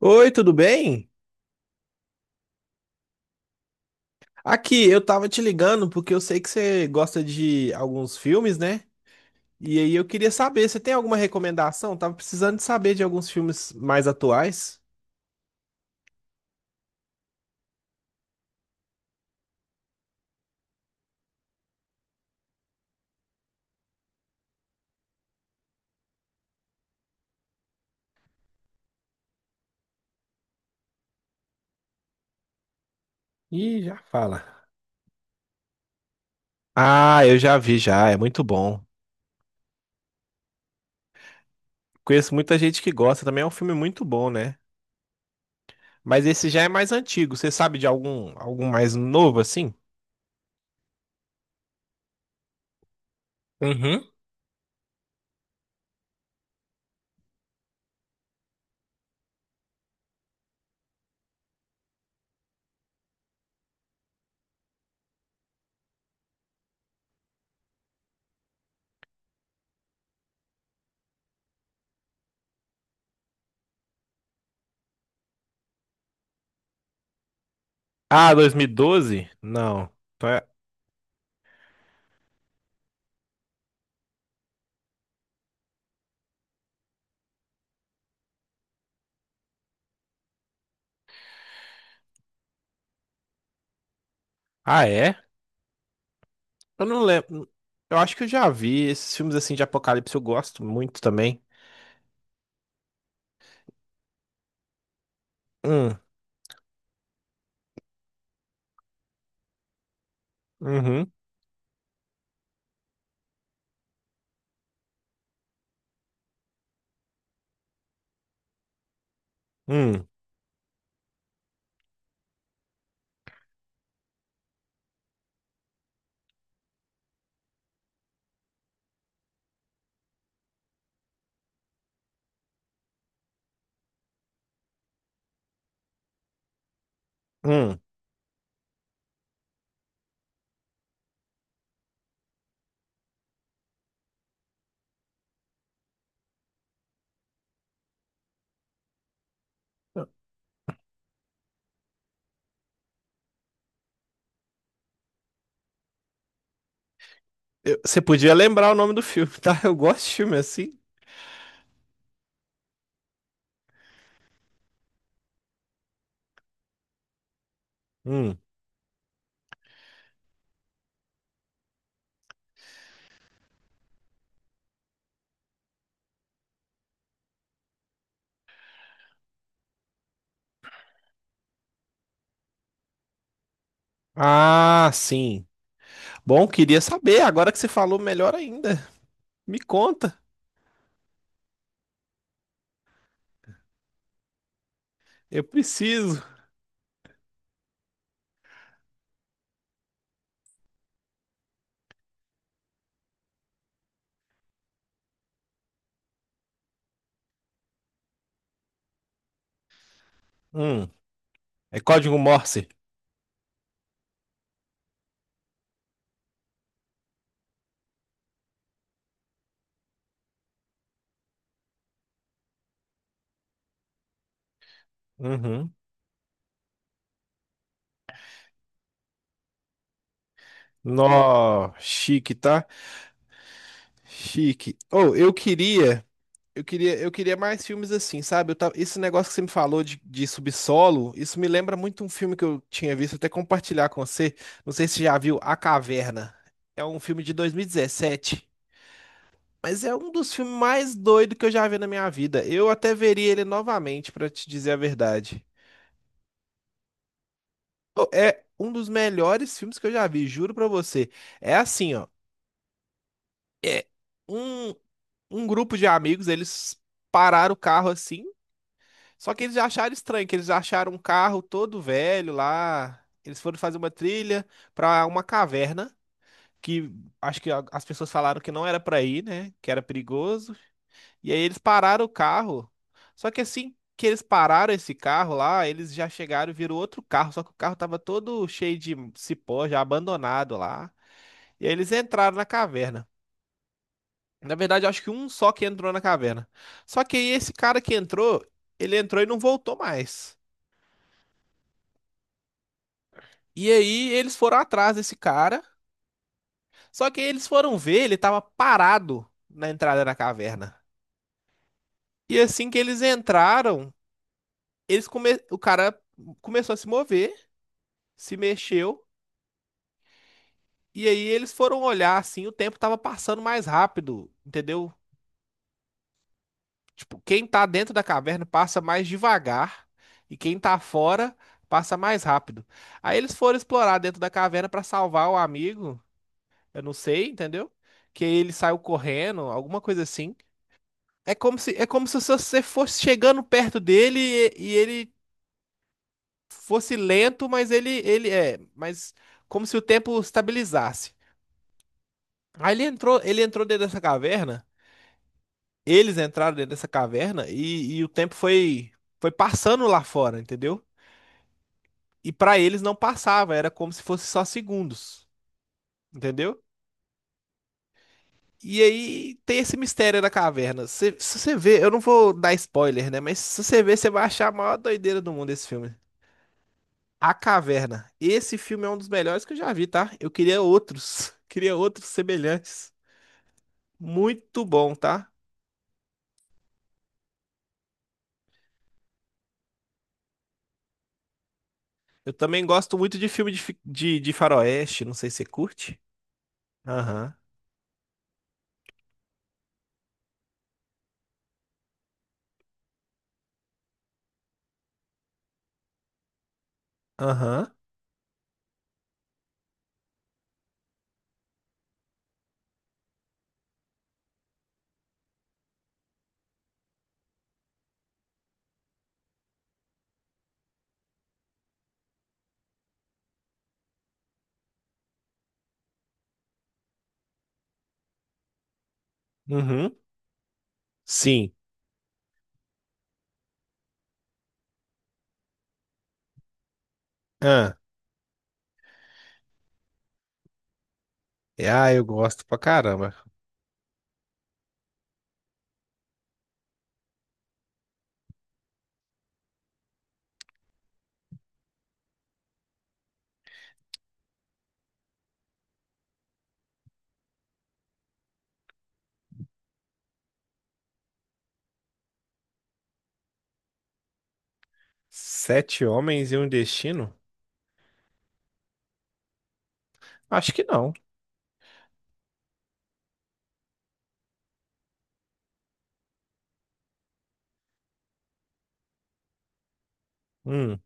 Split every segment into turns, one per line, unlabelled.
Oi, tudo bem? Aqui, eu tava te ligando porque eu sei que você gosta de alguns filmes, né? E aí eu queria saber, você tem alguma recomendação? Tava precisando de saber de alguns filmes mais atuais. Ih, já fala. Ah, eu já vi já, é muito bom. Conheço muita gente que gosta, também é um filme muito bom, né? Mas esse já é mais antigo. Você sabe de algum mais novo assim? Uhum. Ah, 2012? Não. Então é- Ah, é? Eu não lembro. Eu acho que eu já vi esses filmes assim de apocalipse, eu gosto muito também. Hum, uhum, hum, hum. Você podia lembrar o nome do filme, tá? Eu gosto de filme assim. Hum. Ah, sim. Bom, queria saber. Agora que você falou, melhor ainda. Me conta. Eu preciso. Hum. É código Morse. Uhum. Nó, chique, tá? Chique. Oh, eu queria. Eu queria mais filmes assim, sabe? Esse negócio que você me falou de subsolo, isso me lembra muito um filme que eu tinha visto, até compartilhar com você. Não sei se você já viu A Caverna. É um filme de 2017, mas é um dos filmes mais doidos que eu já vi na minha vida. Eu até veria ele novamente, pra te dizer a verdade. Pô, é um dos melhores filmes que eu já vi, juro pra você. É assim, ó. É um, um grupo de amigos, eles pararam o carro assim. Só que eles acharam estranho, que eles acharam um carro todo velho lá. Eles foram fazer uma trilha pra uma caverna que acho que as pessoas falaram que não era pra ir, né? Que era perigoso. E aí eles pararam o carro. Só que assim que eles pararam esse carro lá, eles já chegaram e viram outro carro, só que o carro tava todo cheio de cipó, já abandonado lá. E aí eles entraram na caverna. Na verdade, eu acho que um só que entrou na caverna. Só que aí esse cara que entrou, ele entrou e não voltou mais. E aí eles foram atrás desse cara, só que aí eles foram ver, ele tava parado na entrada da caverna. E assim que eles entraram, o cara começou a se mover, se mexeu, e aí eles foram olhar assim, o tempo tava passando mais rápido, entendeu? Tipo, quem tá dentro da caverna passa mais devagar e quem tá fora passa mais rápido. Aí eles foram explorar dentro da caverna pra salvar o amigo, eu não sei, entendeu? Que ele saiu correndo, alguma coisa assim. É como se você fosse chegando perto dele e ele fosse lento, mas ele é, mas como se o tempo estabilizasse. Aí ele entrou dentro dessa caverna, eles entraram dentro dessa caverna e o tempo foi, foi passando lá fora, entendeu? E pra eles não passava, era como se fosse só segundos, entendeu? E aí tem esse mistério da caverna. Se você ver, eu não vou dar spoiler, né? Mas se você ver, você vai achar a maior doideira do mundo esse filme. A Caverna. Esse filme é um dos melhores que eu já vi, tá? Eu queria outros. Queria outros semelhantes. Muito bom, tá? Eu também gosto muito de filme de faroeste. Não sei se você curte. Aham. Aham. Uhum. Sim. Ah, é, ah, eu gosto pra caramba. Sete Homens e um Destino? Acho que não. Hum,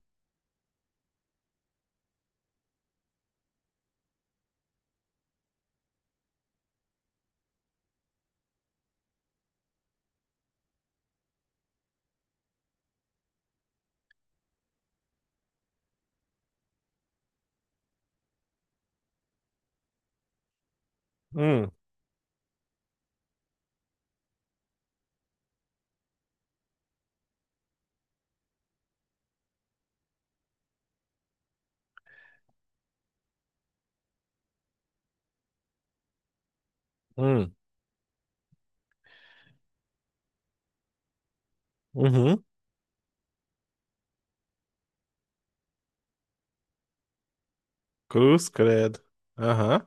hum, hum. Uhum. Cruz, credo. Aham.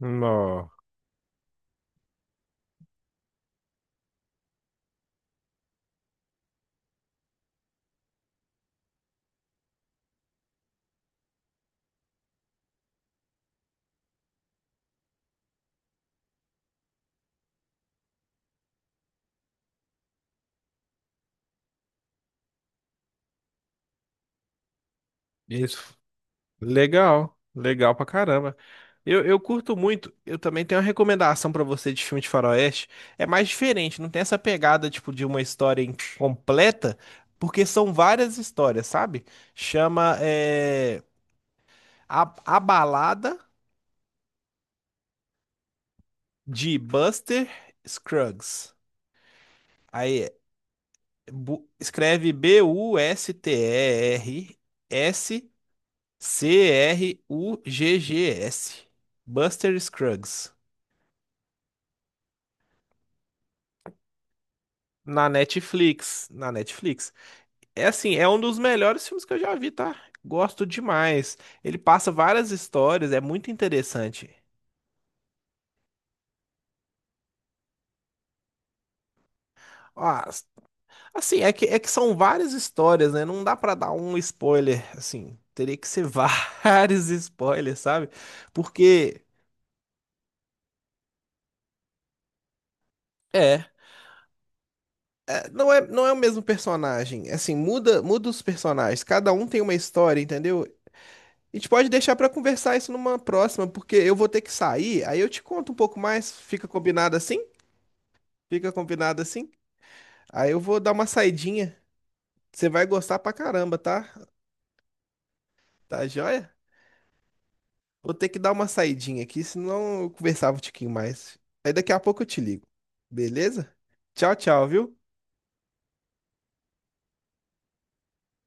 Nó. Isso. Legal, legal pra caramba. Eu curto muito. Eu também tenho uma recomendação pra você de filme de faroeste. É mais diferente, não tem essa pegada tipo de uma história incompleta, porque são várias histórias, sabe? Chama é, a Balada de Buster Scruggs. Aí escreve B-U-S-T-E-R-S-C-R-U-G-G-S. Buster Scruggs. Na Netflix, na Netflix. É assim, é um dos melhores filmes que eu já vi, tá? Gosto demais. Ele passa várias histórias, é muito interessante. Ó, assim, é que são várias histórias, né? Não dá pra dar um spoiler, assim. Teria que ser vários spoilers, sabe? Porque é, é, não é o mesmo personagem. Assim, muda os personagens. Cada um tem uma história, entendeu? A gente pode deixar pra conversar isso numa próxima, porque eu vou ter que sair, aí eu te conto um pouco mais. Fica combinado assim? Fica combinado assim? Aí eu vou dar uma saidinha. Você vai gostar pra caramba, tá? Tá joia? Vou ter que dar uma saidinha aqui, senão eu conversava um tiquinho mais. Aí daqui a pouco eu te ligo. Beleza? Tchau, tchau, viu?